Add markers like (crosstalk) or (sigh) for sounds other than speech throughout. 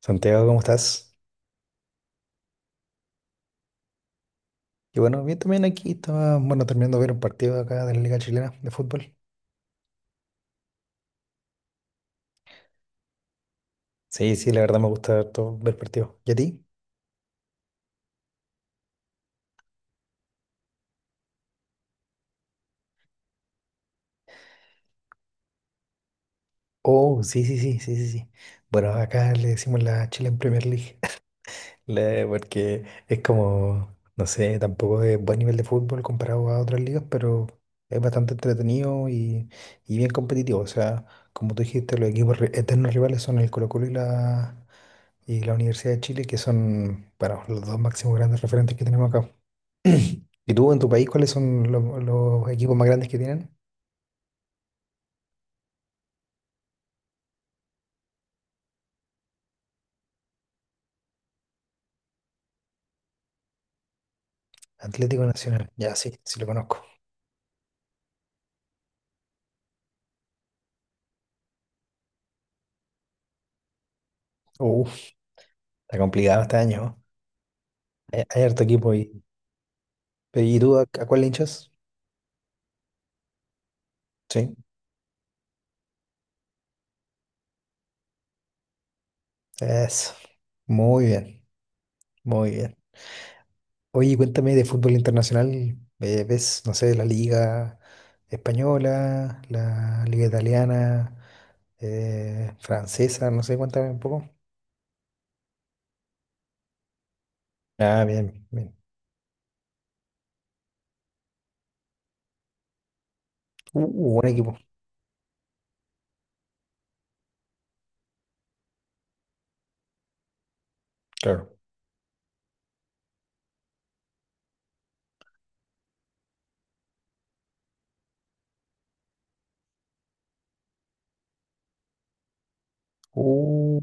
Santiago, ¿cómo estás? Y bueno, bien también aquí estaba, bueno, terminando de ver un partido acá de la Liga Chilena de fútbol. Sí, sí, la verdad me gusta harto ver partidos. ¿Y a ti? Oh, sí, sí, sí, sí, sí, sí. Bueno, acá le decimos la Chilean Premier League. Porque es como, no sé, tampoco es buen nivel de fútbol comparado a otras ligas, pero es bastante entretenido y bien competitivo. O sea, como tú dijiste, los equipos eternos rivales son el Colo-Colo y la Universidad de Chile, que son, bueno, los dos máximos grandes referentes que tenemos acá. (clears throat) ¿Y tú en tu país cuáles son los equipos más grandes que tienen? Atlético Nacional. Ya, sí, sí lo conozco. Uf, está complicado este año, ¿no? Hay harto equipo. ¿Y tú a cuál le hinchas? Sí. Eso. Muy bien, muy bien. Oye, cuéntame de fútbol internacional. ¿Ves, no sé, la liga española, la liga italiana, francesa? No sé, cuéntame un poco. Ah, bien, bien. Buen equipo, claro. Uh,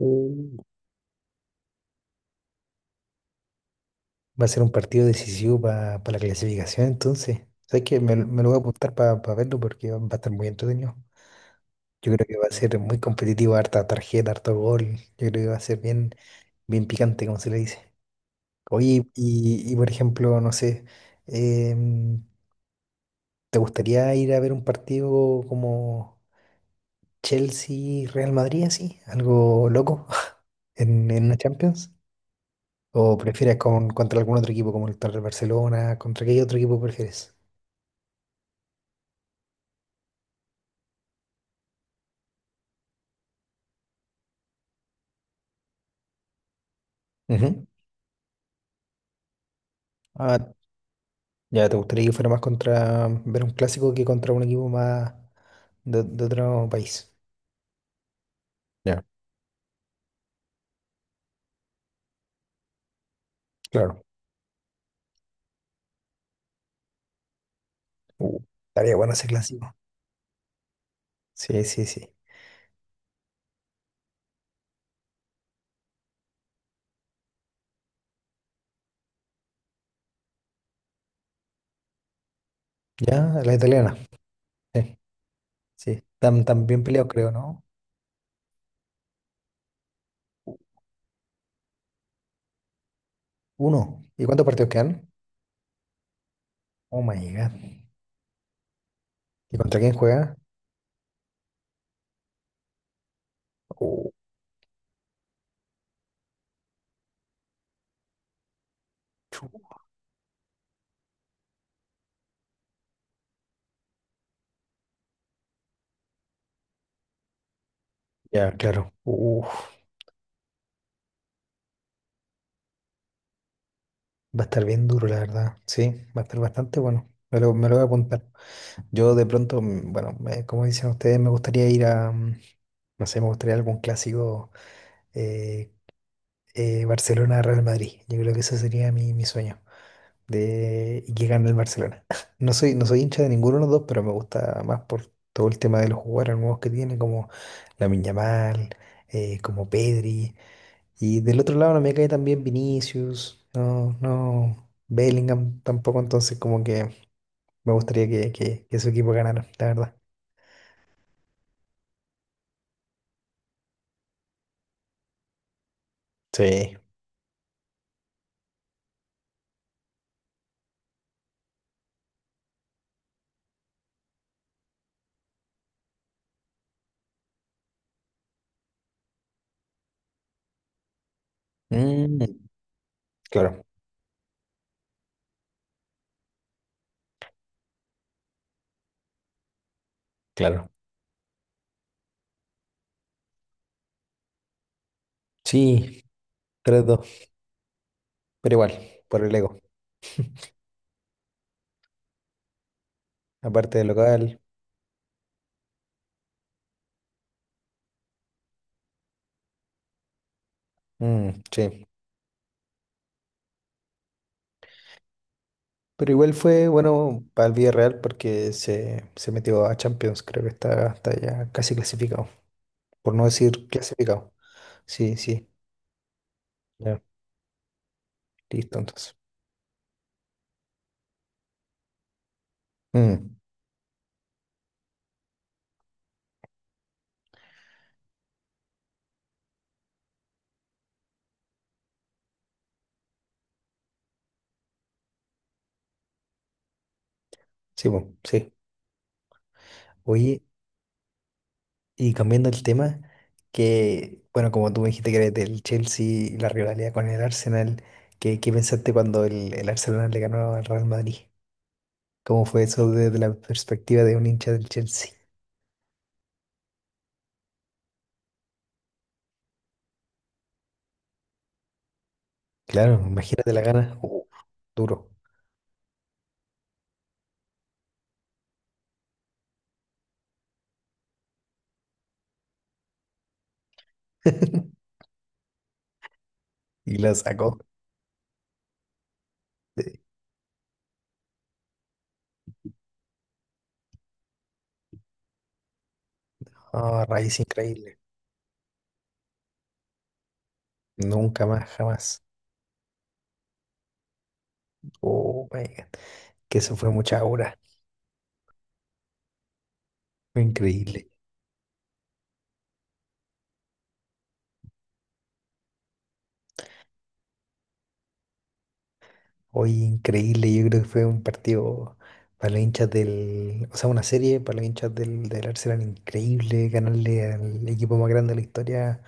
uh. Va a ser un partido decisivo para la clasificación, entonces. ¿Sabes qué? Lo me lo voy a apuntar para verlo porque va a estar muy entretenido. Yo creo que va a ser muy competitivo, harta tarjeta, harto gol. Yo creo que va a ser bien picante, como se le dice. Oye, y por ejemplo, no sé, em, ¿te gustaría ir a ver un partido como Chelsea-Real Madrid, así? ¿Algo loco (laughs) en la Champions? ¿O prefieres contra algún otro equipo, como el contra el Barcelona? ¿Contra qué otro equipo prefieres? Ujú. Ah, ya, ¿te gustaría que fuera más contra ver un clásico que contra un equipo más de otro país? Ya, claro. Uh, estaría bueno ese clásico. Sí, sí, sí. Ya, la italiana. Sí, sí. Están, tan bien peleados, creo, ¿no? Uno. ¿Y cuántos partidos quedan? Oh my God. ¿Y contra quién juega? Uh, chu. Ya, claro. Uf, va a estar bien duro, la verdad. Sí, va a estar bastante bueno. Me lo voy a apuntar. Yo de pronto, bueno, como dicen ustedes, me gustaría ir a, no sé, me gustaría algún clásico eh, Barcelona-Real Madrid. Yo creo que ese sería mi sueño. Y que gane el Barcelona. (laughs) No soy, no soy hincha de ninguno de los dos, pero me gusta más por todo el tema de los jugadores nuevos que tiene, como Lamine Yamal, como Pedri. Y del otro lado no me cae también Vinicius, no, no, Bellingham tampoco, entonces como que me gustaría que su equipo ganara, la verdad. Sí. Mm, claro, claro. Sí, tres dos pero igual, por el ego. Aparte del local, mm, sí. Pero igual fue bueno para el Villarreal porque se metió a Champions, creo que está ya casi clasificado, por no decir clasificado. Sí, sí, ya, listo entonces. Mm, sí, po, sí. Oye, cambiando el tema, que bueno, como tú me dijiste que eres del Chelsea y la rivalidad con el Arsenal, ¿qué pensaste cuando el Arsenal le ganó al Real Madrid? ¿Cómo fue eso desde la perspectiva de un hincha del Chelsea? Claro, imagínate la gana, duro. (laughs) Y la sacó. Ah, raíz increíble. Nunca más, jamás. Oh my God. Que eso fue mucha aura. Fue increíble. Hoy increíble. Yo creo que fue un partido para los hinchas del. O sea, una serie para los hinchas del Arsenal increíble. Ganarle al equipo más grande de la historia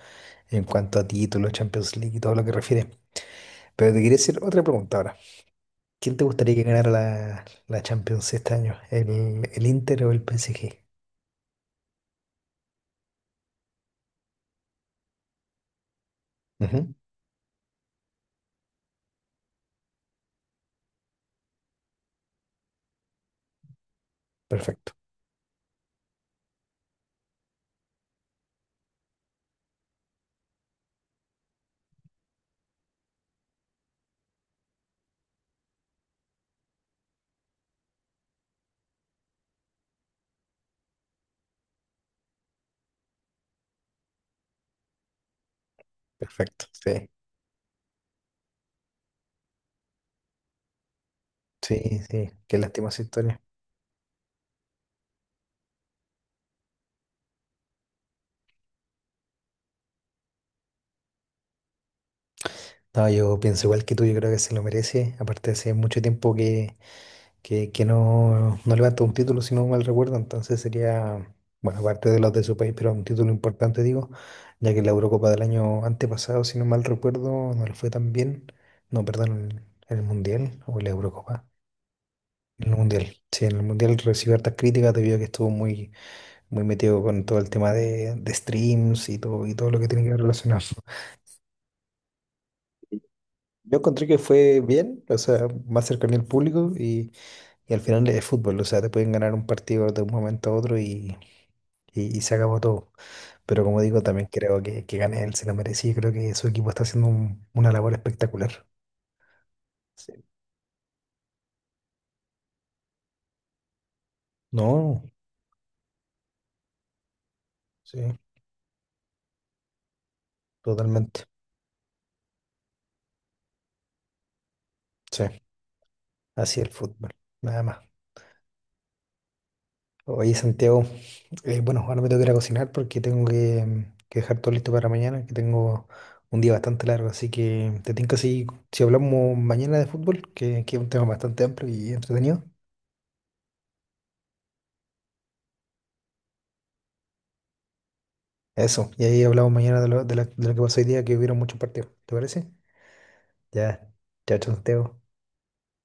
en cuanto a títulos, Champions League y todo lo que refiere. Pero te quería hacer otra pregunta ahora. ¿Quién te gustaría que ganara la Champions este año? El Inter o el PSG? Ujú, perfecto, perfecto. Sí. Sí, sí, qué lástima esa historia. No, yo pienso igual que tú, yo creo que se lo merece. Aparte, hace mucho tiempo que no, no levanta un título, si no mal recuerdo. Entonces sería, bueno, aparte de los de su país, pero un título importante, digo, ya que la Eurocopa del año antepasado, si no mal recuerdo, no le fue tan bien. No, perdón, en el Mundial o en la Eurocopa. En el Mundial, sí, en el Mundial recibió hartas críticas debido a que estuvo muy, muy metido con todo el tema de streams y todo lo que tiene que ver relacionado. Yo encontré que fue bien, o sea, más cercano al público y al final es fútbol, o sea, te pueden ganar un partido de un momento a otro y se acabó todo. Pero como digo, también creo que gane él, se lo merecía, creo que su equipo está haciendo una labor espectacular. Sí. No, sí, totalmente. Sí, así el fútbol, nada más. Oye, Santiago, bueno, ahora me tengo que ir a cocinar porque tengo que, que dejar todo listo para mañana, que tengo un día bastante largo, así que te tengo si hablamos mañana de fútbol, que es un tema bastante amplio y entretenido. Eso, y ahí hablamos mañana de de lo que pasó hoy día, que hubieron muchos partidos, ¿te parece? Ya, chao, chao, Santiago.